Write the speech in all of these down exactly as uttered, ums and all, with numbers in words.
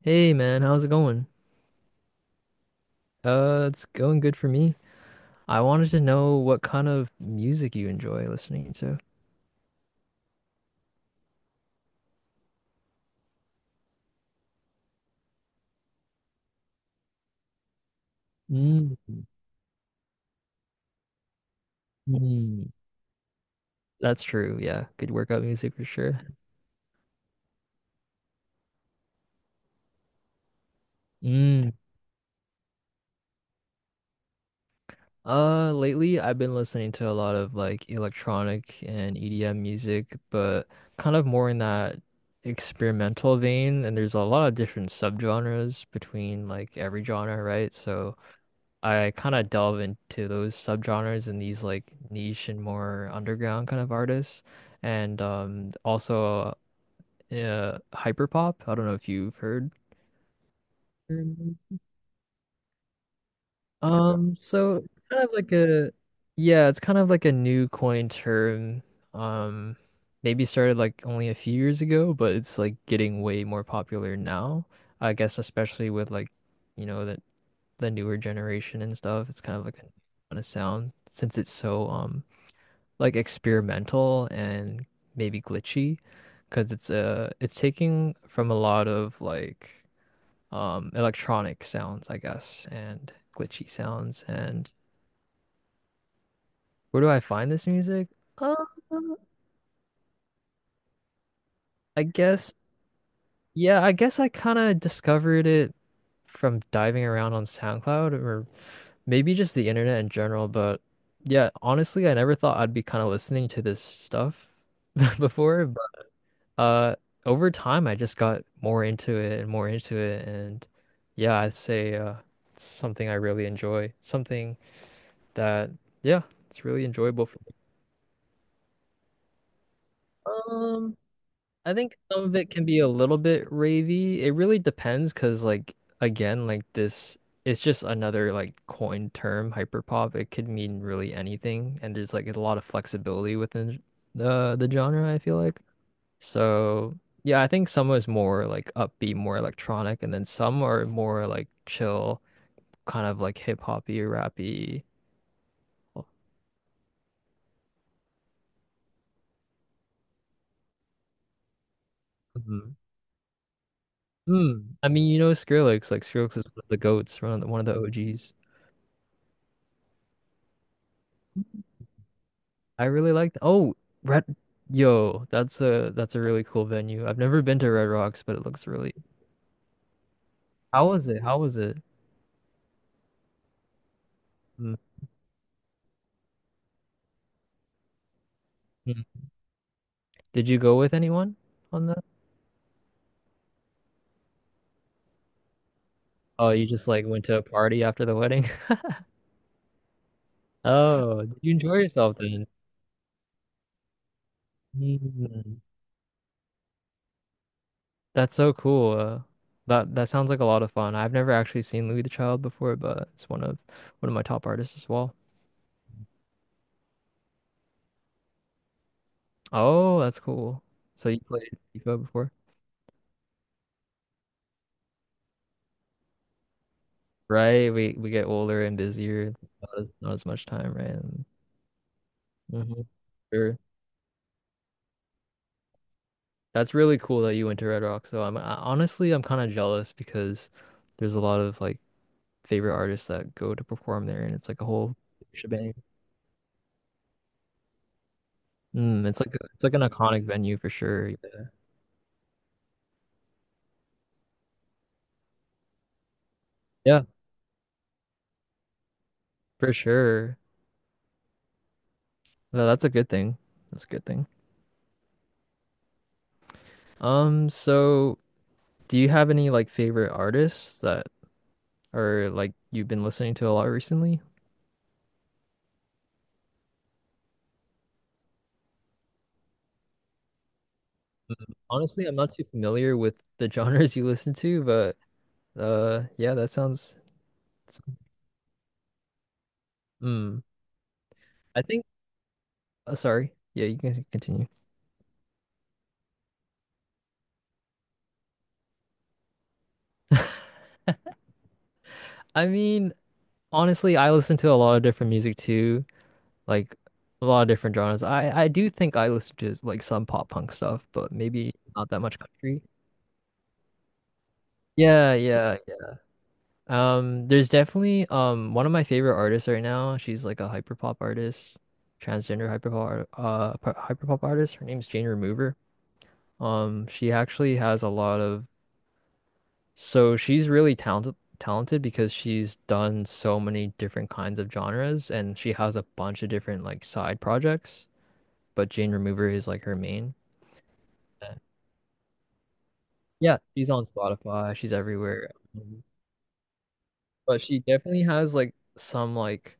Hey man, how's it going? Uh, it's going good for me. I wanted to know what kind of music you enjoy listening to. Mm. Mm. That's true. Yeah, good workout music for sure. Mm. Uh, lately I've been listening to a lot of like electronic and E D M music, but kind of more in that experimental vein. And there's a lot of different subgenres between like every genre, right? So I kind of delve into those subgenres and these like niche and more underground kind of artists, and um, also uh, hyperpop. I don't know if you've heard. Mhm. Um, so it's kind of like a yeah, it's kind of like a new coin term. Um, maybe started like only a few years ago, but it's like getting way more popular now. I guess especially with like, you know, the the newer generation and stuff. It's kind of like a, kind of sound since it's so um like experimental and maybe glitchy because it's uh it's taking from a lot of like um electronic sounds, I guess, and glitchy sounds. And where do I find this music? Uh, I guess yeah, I guess I kind of discovered it from diving around on SoundCloud or maybe just the internet in general, but yeah, honestly, I never thought I'd be kind of listening to this stuff before. Uh, over time, I just got more into it and more into it, and yeah, I'd say uh, it's something I really enjoy. Something that, yeah, it's really enjoyable for me. Um, I think some of it can be a little bit ravey. It really depends, because like again, like this, it's just another like coined term, hyperpop. It could mean really anything, and there's like a lot of flexibility within the the genre, I feel like. So yeah, I think some is more like upbeat, more electronic, and then some are more like chill, kind of like hip hoppy, rappy. Mhm. Mm. I mean, you know Skrillex, like Skrillex is one of the goats, one of the, one of the O Gs. I really liked. Oh, Red. Yo, that's a that's a really cool venue. I've never been to Red Rocks, but it looks really. How was it? How was it? Mm. Mm. Did you go with anyone on that? Oh, you just like went to a party after the wedding? Oh, did you enjoy yourself then? Mm. That's so cool. Uh, that that sounds like a lot of fun. I've never actually seen Louis the Child before, but it's one of one of my top artists as well. Oh, that's cool. So you played FIFA before? Right. We we get older and busier, not as, not as much time, right? Mm-hmm. Sure. That's really cool that you went to Red Rock. So I'm I, honestly I'm kind of jealous because there's a lot of like favorite artists that go to perform there, and it's like a whole shebang. Mm, it's like a, it's like an iconic venue for sure. Yeah. For sure. No, that's a good thing. That's a good thing. Um, so do you have any like favorite artists that are like you've been listening to a lot recently? Honestly, I'm not too familiar with the genres you listen to, but uh yeah, that sounds mm. I think uh, sorry. Yeah, you can continue. I mean, honestly, I listen to a lot of different music too, like a lot of different genres. I I do think I listen to like some pop punk stuff, but maybe not that much country. Yeah, yeah, Um, There's definitely um one of my favorite artists right now. She's like a hyperpop artist, transgender hyperpop art- uh p- hyperpop artist. Her name's Jane Remover. Um, she actually has a lot of so she's really talented talented because she's done so many different kinds of genres and she has a bunch of different like side projects, but Jane Remover is like her main. And yeah, she's on Spotify, she's everywhere. Um, But she definitely has like some like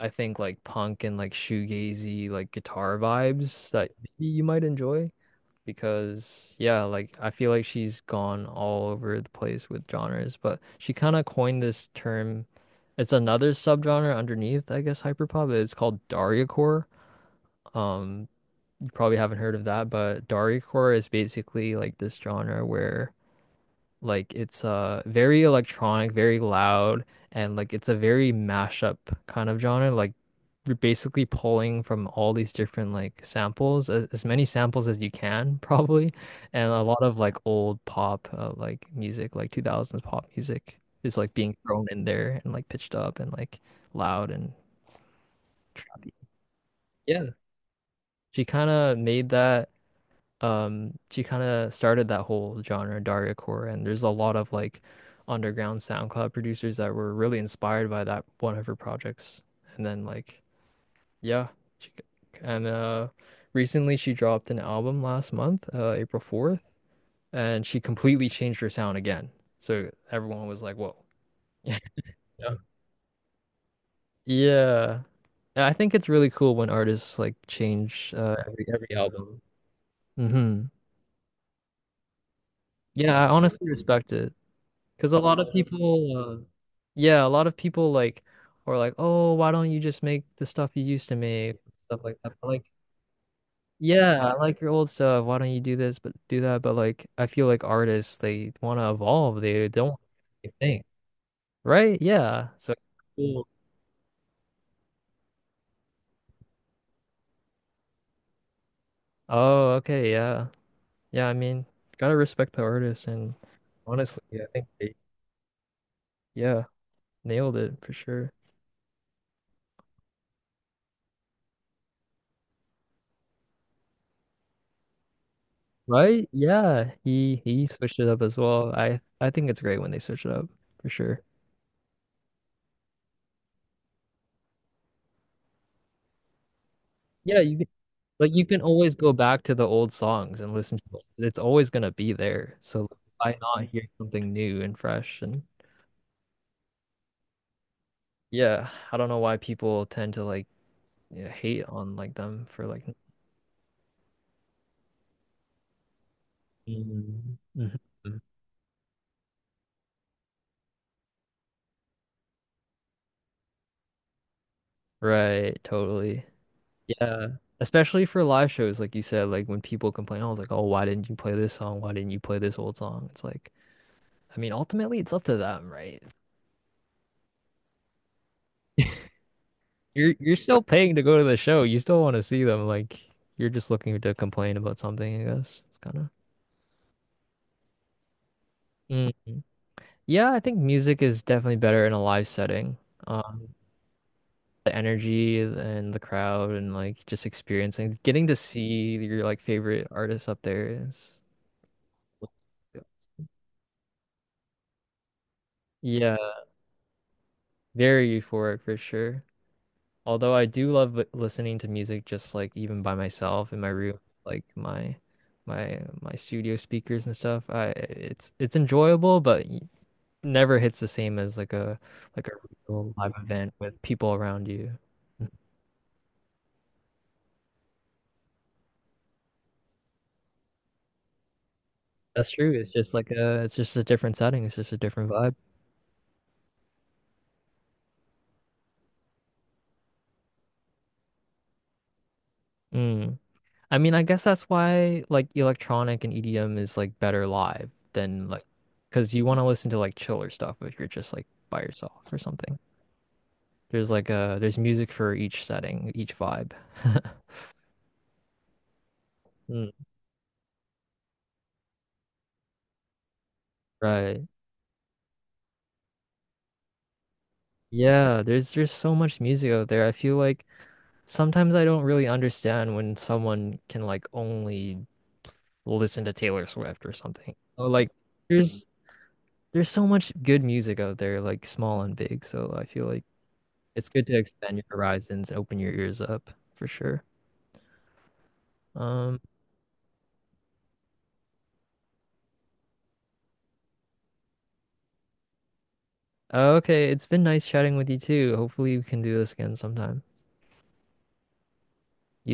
I think like punk and like shoegazy like guitar vibes that maybe you might enjoy because yeah, like I feel like she's gone all over the place with genres, but she kind of coined this term. It's another subgenre underneath, I guess, hyperpop. It's called Dariacore. Um, you probably haven't heard of that, but Dariacore is basically like this genre where like it's uh very electronic, very loud, and like it's a very mashup kind of genre. Like you're basically pulling from all these different like samples, as, as many samples as you can probably, and a lot of like old pop uh, like music, like two thousands pop music is like being thrown in there and like pitched up and like loud and trappy. Yeah. She kind of made that um She kind of started that whole genre Dargacore and there's a lot of like underground SoundCloud producers that were really inspired by that one of her projects and then like yeah she, and uh recently she dropped an album last month uh April fourth and she completely changed her sound again, so everyone was like whoa. Yeah, yeah, I think it's really cool when artists like change uh every every album. Hmm. Yeah, I honestly respect it. Because a lot of Uh, people, uh, yeah, a lot of people like are like, oh, why don't you just make the stuff you used to make, stuff like that. But, like, yeah, I like your old stuff. Why don't you do this, but do that? But like, I feel like artists, they want to evolve. They don't think, right? Yeah. So, cool. Oh, okay, yeah, yeah. I mean, gotta respect the artists, and honestly, I think they, yeah, nailed it for sure. Right? Yeah, he he switched it up as well. I I think it's great when they switch it up for sure. Yeah, you can- like you can always go back to the old songs and listen to it. It's always gonna be there. So why not hear something new and fresh? And yeah, I don't know why people tend to like yeah, hate on like them for like mm. Mhm. Right, totally. Yeah. Especially for live shows, like you said, like when people complain, I was like, oh, why didn't you play this song? Why didn't you play this old song? It's like I mean, ultimately, it's up to them, right? You're you're still paying to go to the show. You still want to see them. Like you're just looking to complain about something, I guess. It's kind of. Mhm. Yeah, I think music is definitely better in a live setting. Um, the energy and the crowd and like just experiencing, getting to see your like favorite artists up there is, yeah, very euphoric for sure. Although I do love li- listening to music just like even by myself in my room, like my my my studio speakers and stuff. I it's it's enjoyable, but y- never hits the same as like a like a real live event with people around you. That's true. It's just like a it's just a different setting. It's just a different vibe. Mm. I mean, I guess that's why like electronic and E D M is like better live than like because you want to listen to like chiller stuff if you're just like by yourself or something. There's like a there's music for each setting, each vibe. Mm. Right. Yeah, there's there's so much music out there. I feel like sometimes I don't really understand when someone can like only listen to Taylor Swift or something. Or like there's there's so much good music out there, like small and big. So I feel like it's good to expand your horizons and open your ears up for sure. Um, okay, it's been nice chatting with you too. Hopefully we can do this again sometime.